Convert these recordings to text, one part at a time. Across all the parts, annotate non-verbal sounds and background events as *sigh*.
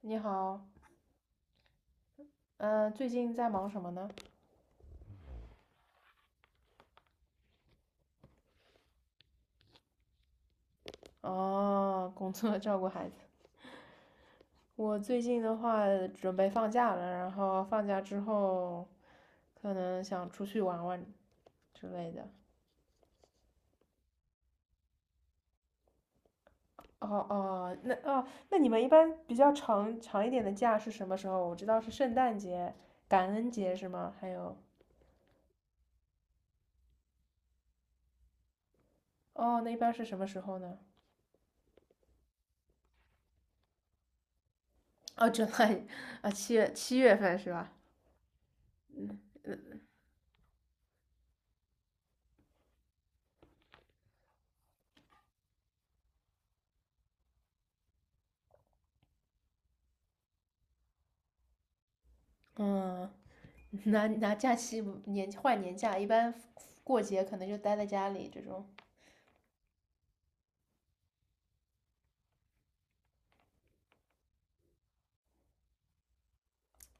你好，嗯，最近在忙什么呢？哦，工作 *laughs* 照顾孩子。我最近的话准备放假了，然后放假之后可能想出去玩玩之类的。哦哦，那哦，那你们一般比较长一点的假是什么时候？我知道是圣诞节、感恩节是吗？还有，哦，那一般是什么时候呢？哦 j u *laughs* 啊，七月份是吧？嗯，拿假期年换年假，一般过节可能就待在家里这种。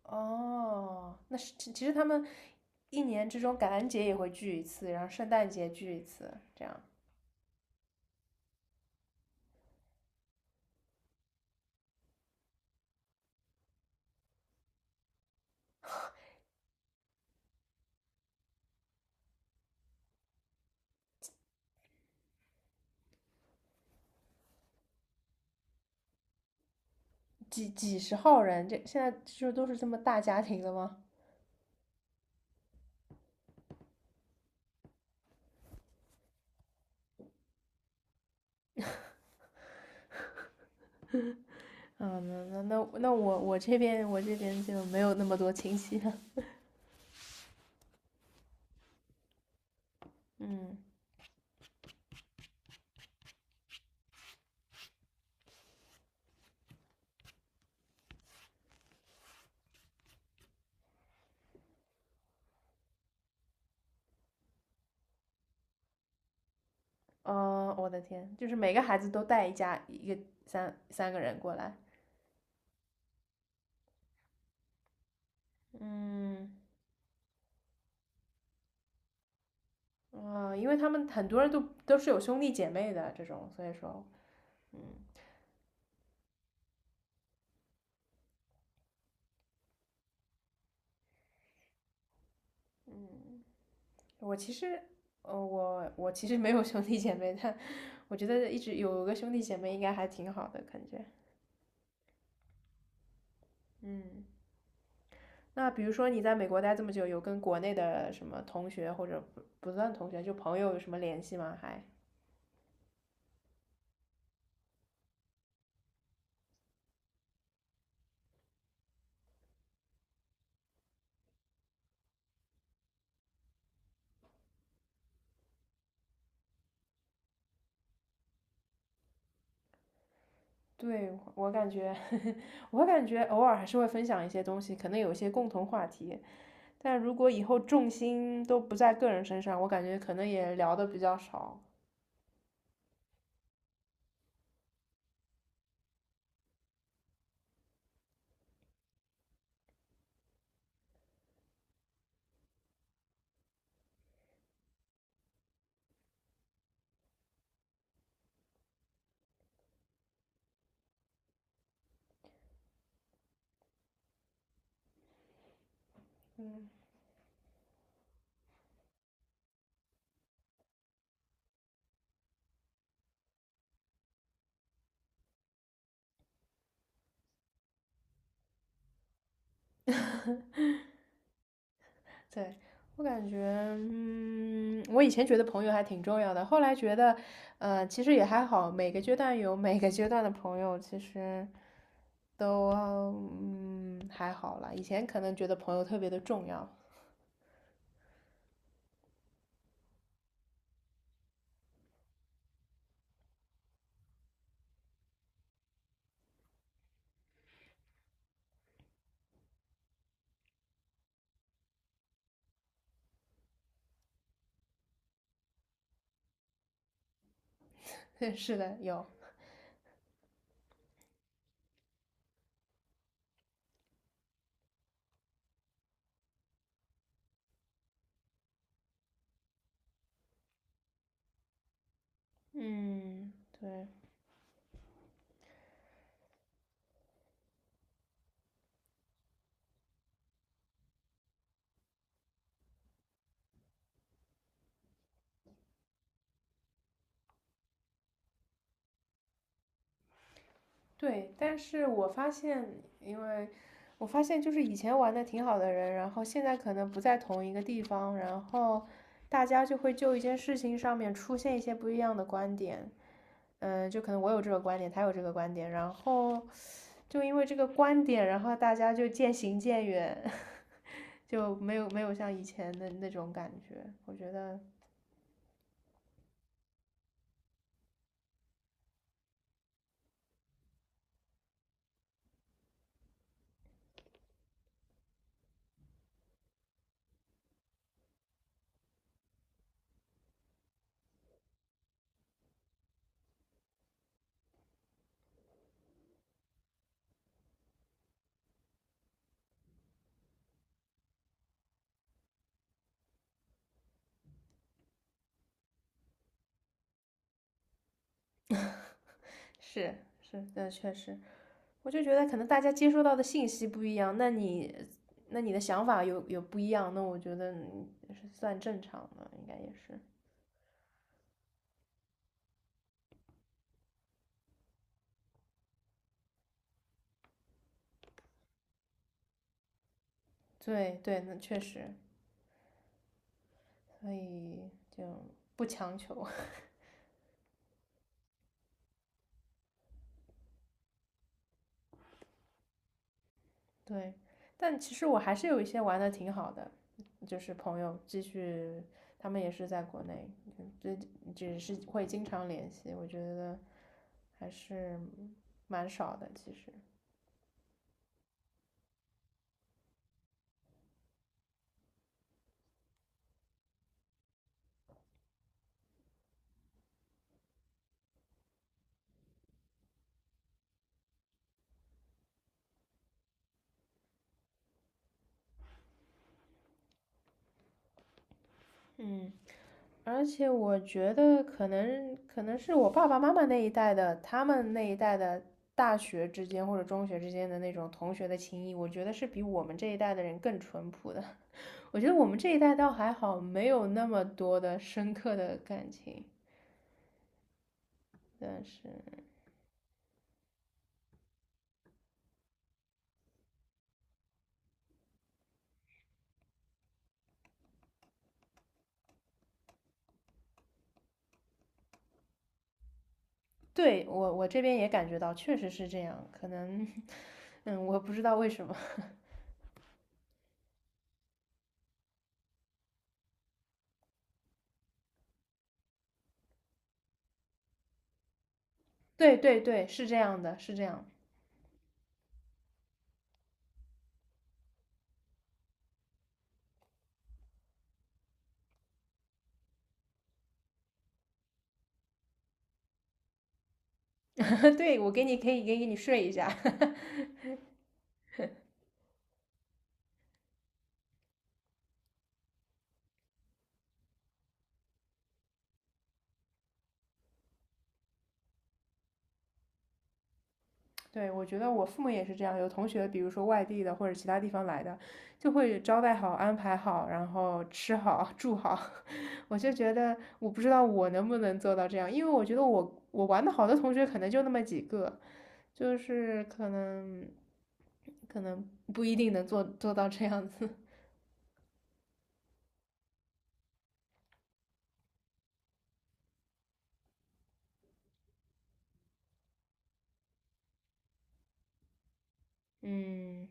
哦，那是其实他们一年之中感恩节也会聚一次，然后圣诞节聚一次，这样几十号人，这现在就都是这么大家庭了吗？嗯，那这边我这边就没有那么多亲戚了。*laughs* 嗯，哦，我的天，就是每个孩子都带一家一个三个人过来。嗯，啊，因为他们很多人都是有兄弟姐妹的这种，所以说，嗯嗯，我其实，呃，我其实没有兄弟姐妹，但我觉得一直有个兄弟姐妹应该还挺好的感觉。嗯，那比如说你在美国待这么久，有跟国内的什么同学或者不算同学，就朋友有什么联系吗？还？对，我感觉，我感觉偶尔还是会分享一些东西，可能有一些共同话题，但如果以后重心都不在个人身上，我感觉可能也聊的比较少。*laughs* 对，我感觉，嗯，我以前觉得朋友还挺重要的，后来觉得，呃，其实也还好，每个阶段有每个阶段的朋友，其实都嗯还好啦。以前可能觉得朋友特别的重要，*laughs* 是的，有，嗯，对。对，但是我发现，因为我发现就是以前玩的挺好的人，然后现在可能不在同一个地方，然后大家就会就一件事情上面出现一些不一样的观点。嗯，就可能我有这个观点，他有这个观点，然后就因为这个观点，然后大家就渐行渐远，*laughs* 就没有像以前的那种感觉。我觉得是，是，那确实。我就觉得可能大家接收到的信息不一样，那你那你的想法有不一样，那我觉得嗯是算正常的，应该也是。对对，那确实，所以就不强求。*laughs* 对，但其实我还是有一些玩的挺好的，就是朋友继续，他们也是在国内，就这只是会经常联系，我觉得还是蛮少的，其实。嗯。而且我觉得可能是我爸爸妈妈那一代的，他们那一代的大学之间或者中学之间的那种同学的情谊，我觉得是比我们这一代的人更淳朴的。*laughs* 我觉得我们这一代倒还好，没有那么多的深刻的感情。但是，对，我我这边也感觉到，确实是这样。可能，嗯，我不知道为什么。*laughs* 对对对，是这样的，是这样。*laughs* 对，我给你可以给你睡一下。对，我觉得我父母也是这样，有同学，比如说外地的或者其他地方来的，就会招待好、安排好，然后吃好、住好。*laughs* 我就觉得，我不知道我能不能做到这样，因为我觉得我玩的好的同学可能就那么几个，就是可能不一定能做到这样子。*laughs* 嗯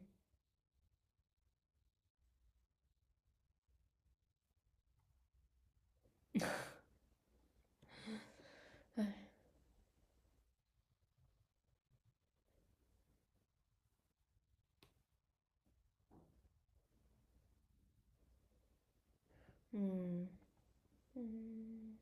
*laughs* 嗯嗯。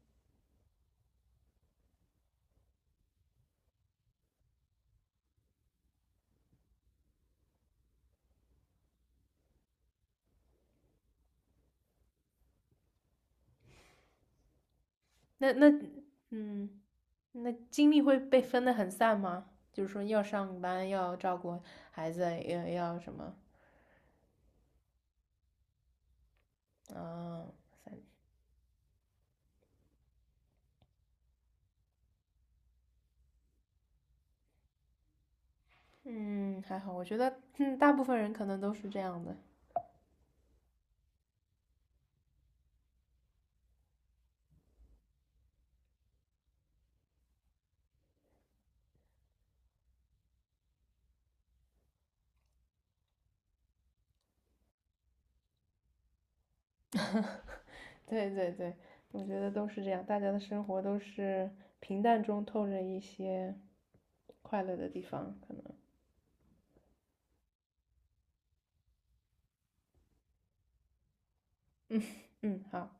那嗯，那精力会被分得很散吗？就是说要上班，要照顾孩子，要什么？啊，散嗯，还好，我觉得嗯，大部分人可能都是这样的。对对对，我觉得都是这样，大家的生活都是平淡中透着一些快乐的地方，可能。*laughs* 嗯嗯，好。